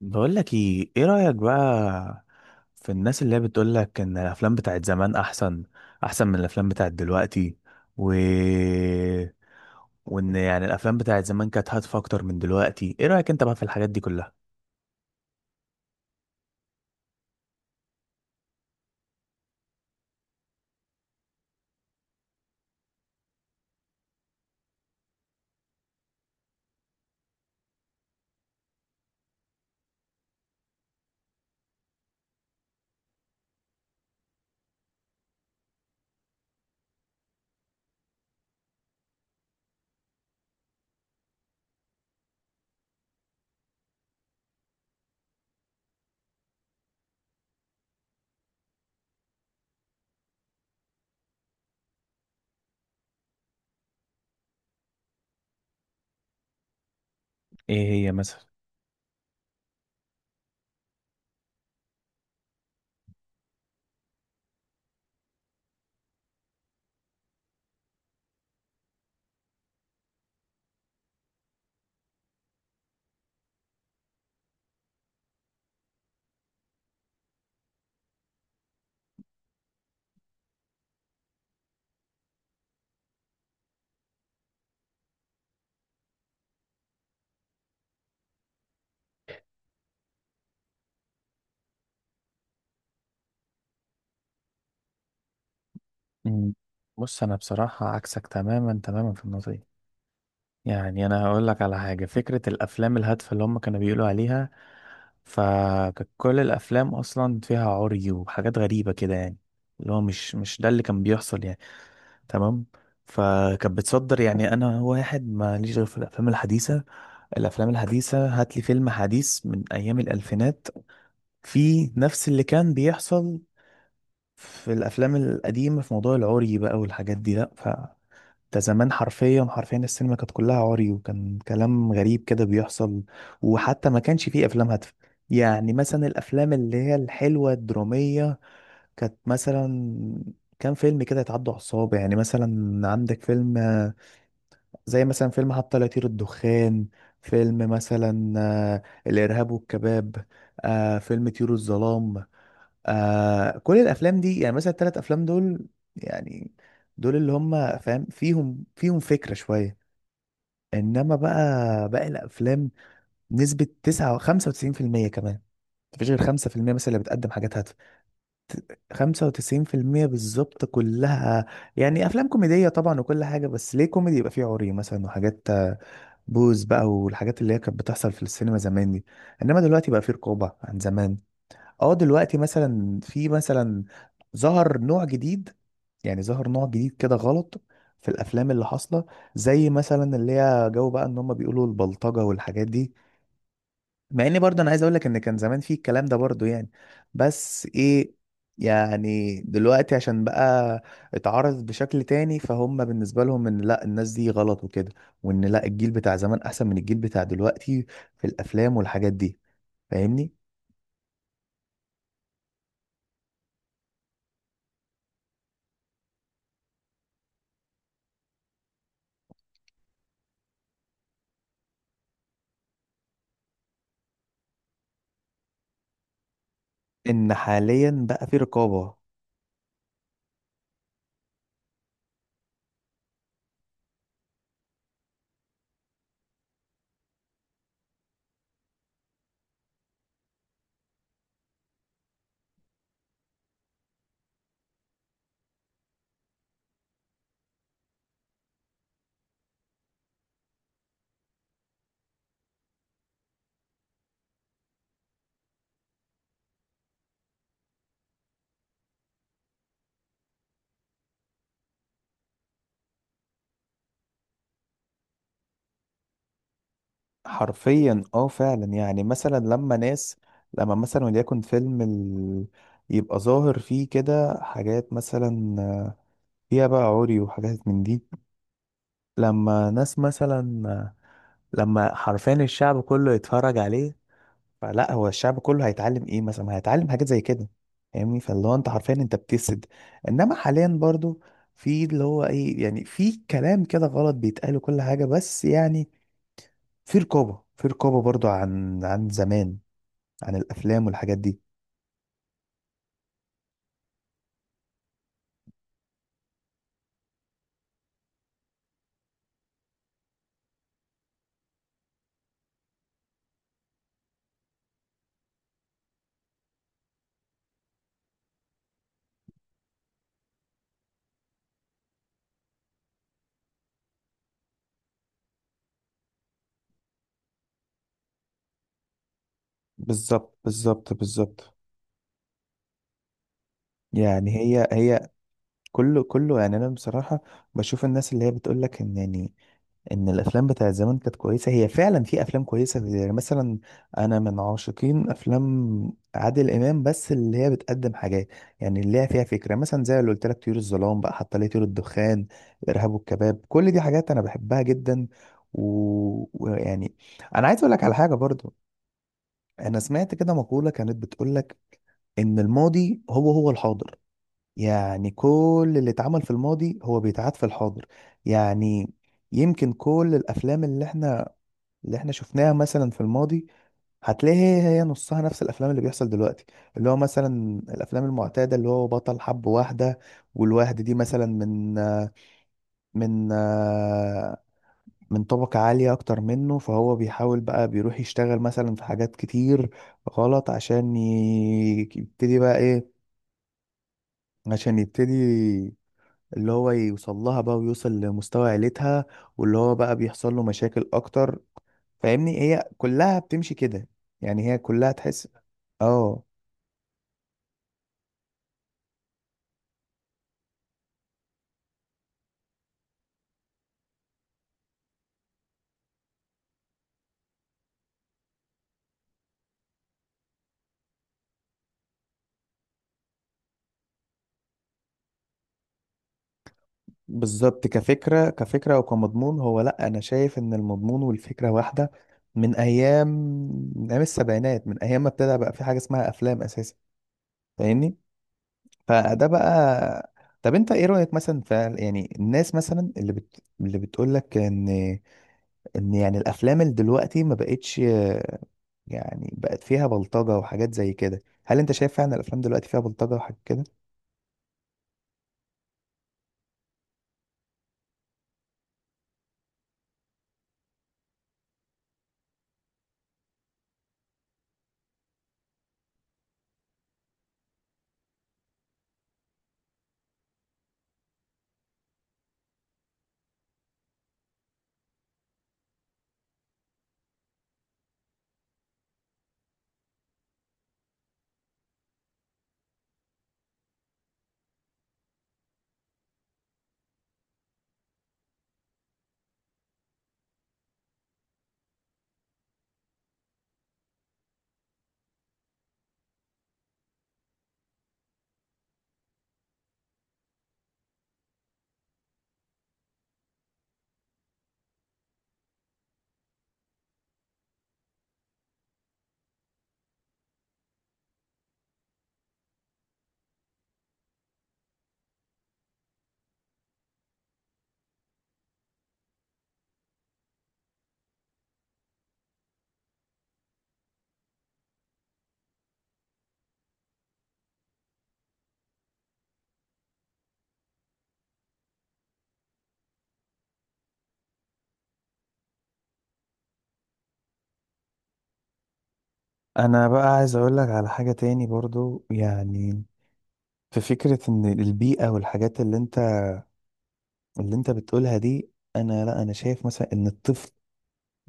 بقول لك ايه رأيك بقى في الناس اللي هي بتقول لك ان الافلام بتاعت زمان احسن من الافلام بتاعت دلوقتي و وان يعني الافلام بتاعت زمان كانت هادفة اكتر من دلوقتي. ايه رأيك انت بقى في الحاجات دي كلها؟ ايه هي مثلا؟ مم. بص، انا بصراحة عكسك تماما تماما في النقطة دي. يعني انا هقول لك على حاجة. فكرة الافلام الهادفة اللي هم كانوا بيقولوا عليها، فكانت كل الافلام اصلا فيها عري وحاجات غريبة كده يعني. اللي هو مش ده اللي كان بيحصل يعني. تمام. فكانت بتصدر يعني، انا واحد ماليش غير في الافلام الحديثه. الافلام الحديثه، هات لي فيلم حديث من ايام الالفينات في نفس اللي كان بيحصل في الافلام القديمه في موضوع العري بقى والحاجات دي. لا، ده زمان حرفيا حرفيا السينما كانت كلها عري، وكان كلام غريب كده بيحصل، وحتى ما كانش فيه افلام هادفه. يعني مثلا الافلام اللي هي الحلوه الدراميه كانت مثلا، كان فيلم كده يتعدوا على الصوابع. يعني مثلا عندك فيلم زي مثلا فيلم حتى لا يطير الدخان، فيلم مثلا الإرهاب والكباب، فيلم طيور الظلام، كل الأفلام دي. يعني مثلا التلات أفلام دول، يعني دول اللي هم فاهم فيهم فكرة شوية. إنما بقى باقي الأفلام نسبة تسعة 95% كمان. مفيش غير 5% مثلا اللي بتقدم حاجات هادفة. 95% بالظبط كلها يعني أفلام كوميدية طبعا وكل حاجة. بس ليه كوميدي يبقى فيه عري مثلا وحاجات بوز بقى، والحاجات اللي هي كانت بتحصل في السينما زمان دي. انما دلوقتي بقى في رقابة عن زمان. اه، دلوقتي مثلا في مثلا ظهر نوع جديد. يعني ظهر نوع جديد كده غلط في الافلام اللي حاصلة، زي مثلا اللي هي جو بقى ان هم بيقولوا البلطجة والحاجات دي. مع اني برضه انا عايز اقول لك ان كان زمان في الكلام ده برضه يعني، بس ايه، يعني دلوقتي عشان بقى اتعرض بشكل تاني، فهم بالنسبة لهم ان لا الناس دي غلط وكده، وان لا الجيل بتاع زمان احسن من الجيل بتاع دلوقتي في الافلام والحاجات دي. فاهمني؟ ان حاليا بقى في رقابة. حرفيا، اه، فعلا. يعني مثلا لما ناس، لما مثلا وليكن فيلم يبقى ظاهر فيه كده حاجات مثلا فيها بقى عري وحاجات من دي. لما ناس مثلا، لما حرفيا الشعب كله يتفرج عليه، فلا هو الشعب كله هيتعلم ايه مثلا؟ ما هيتعلم حاجات زي كده. فاهمني؟ فاللي هو انت حرفيا انت بتسد. انما حاليا برضو في اللي هو ايه يعني، في كلام كده غلط بيتقال كل حاجة، بس يعني في رقابة برضو عن زمان، عن الافلام والحاجات دي. بالظبط بالظبط بالظبط. يعني هي كله يعني انا بصراحة بشوف الناس اللي هي بتقول لك ان يعني ان الافلام بتاعت زمان كانت كويسه. هي فعلا في افلام كويسه يعني مثلا، انا من عاشقين افلام عادل امام، بس اللي هي بتقدم حاجات يعني اللي هي فيها فكره مثلا زي اللي قلت لك طيور الظلام بقى، حتى ليه طيور الدخان، الارهاب والكباب. كل دي حاجات انا بحبها جدا. ويعني انا عايز اقول لك على حاجه برضو. انا سمعت كده مقوله كانت بتقول لك ان الماضي هو هو الحاضر. يعني كل اللي اتعمل في الماضي هو بيتعاد في الحاضر. يعني يمكن كل الافلام اللي احنا شفناها مثلا في الماضي هتلاقي هي هي نصها نفس الافلام اللي بيحصل دلوقتي. اللي هو مثلا الافلام المعتاده، اللي هو بطل حب واحده، والواحده دي مثلا من من طبقه عاليه اكتر منه، فهو بيحاول بقى بيروح يشتغل مثلا في حاجات كتير غلط عشان يبتدي بقى ايه، عشان يبتدي اللي هو يوصل لها بقى، ويوصل لمستوى عيلتها، واللي هو بقى بيحصل له مشاكل اكتر. فاهمني؟ هي كلها بتمشي كده. يعني هي كلها تحس. اه. بالظبط، كفكرة وكمضمون. هو لا، انا شايف ان المضمون والفكرة واحدة من ايام من ايام السبعينات، من ايام ما ابتدى بقى في حاجة اسمها افلام اساسا. فاهمني؟ فده بقى. طب انت ايه رأيك مثلا في، يعني الناس مثلا اللي اللي بتقول لك ان يعني الافلام اللي دلوقتي ما بقتش، يعني بقت فيها بلطجة وحاجات زي كده. هل انت شايف فعلا الافلام دلوقتي فيها بلطجة وحاجات كده؟ انا بقى عايز اقول لك على حاجة تاني برضو. يعني في فكرة ان البيئة والحاجات اللي انت بتقولها دي، انا لا، انا شايف مثلا ان الطفل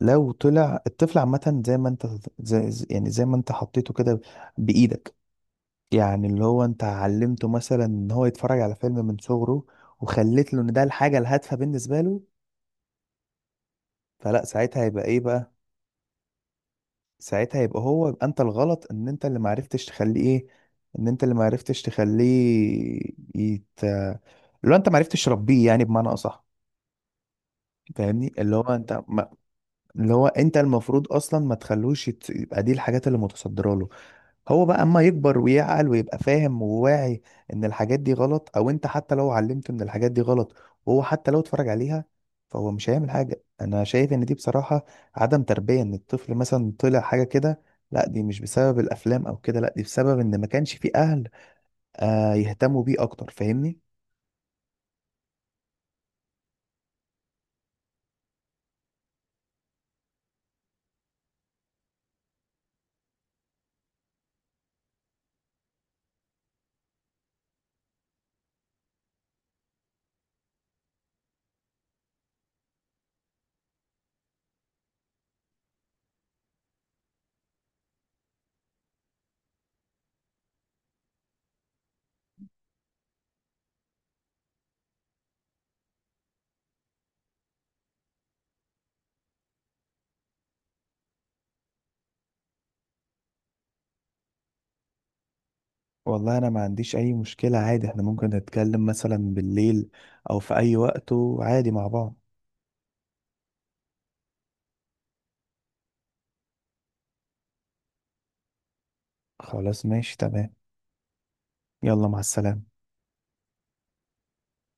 لو طلع الطفل عامة زي ما انت، يعني زي ما انت حطيته كده بايدك، يعني اللي هو انت علمته مثلا ان هو يتفرج على فيلم من صغره، وخليت له ان ده الحاجة الهادفة بالنسبة له، فلا ساعتها هيبقى ايه بقى. ساعتها يبقى هو، يبقى انت الغلط، ان انت اللي معرفتش تخليه ايه، ان انت اللي معرفتش تخليه يت... اللي هو انت معرفتش تربيه يعني بمعنى اصح. فاهمني؟ اللي هو انت ما... اللي هو انت المفروض اصلا ما تخلوش يبقى دي الحاجات اللي متصدره له. هو بقى اما يكبر ويعقل ويبقى فاهم وواعي ان الحاجات دي غلط، او انت حتى لو علمته ان الحاجات دي غلط وهو حتى لو اتفرج عليها فهو مش هيعمل حاجة. انا شايف ان دي بصراحة عدم تربية. ان الطفل مثلا طلع حاجة كده، لا دي مش بسبب الافلام او كده، لا دي بسبب ان ما كانش فيه اهل يهتموا بيه اكتر. فاهمني؟ والله انا ما عنديش اي مشكلة. عادي احنا ممكن نتكلم مثلا بالليل او في اي وقت، وعادي مع بعض. خلاص، ماشي، تمام. يلا، مع السلامة.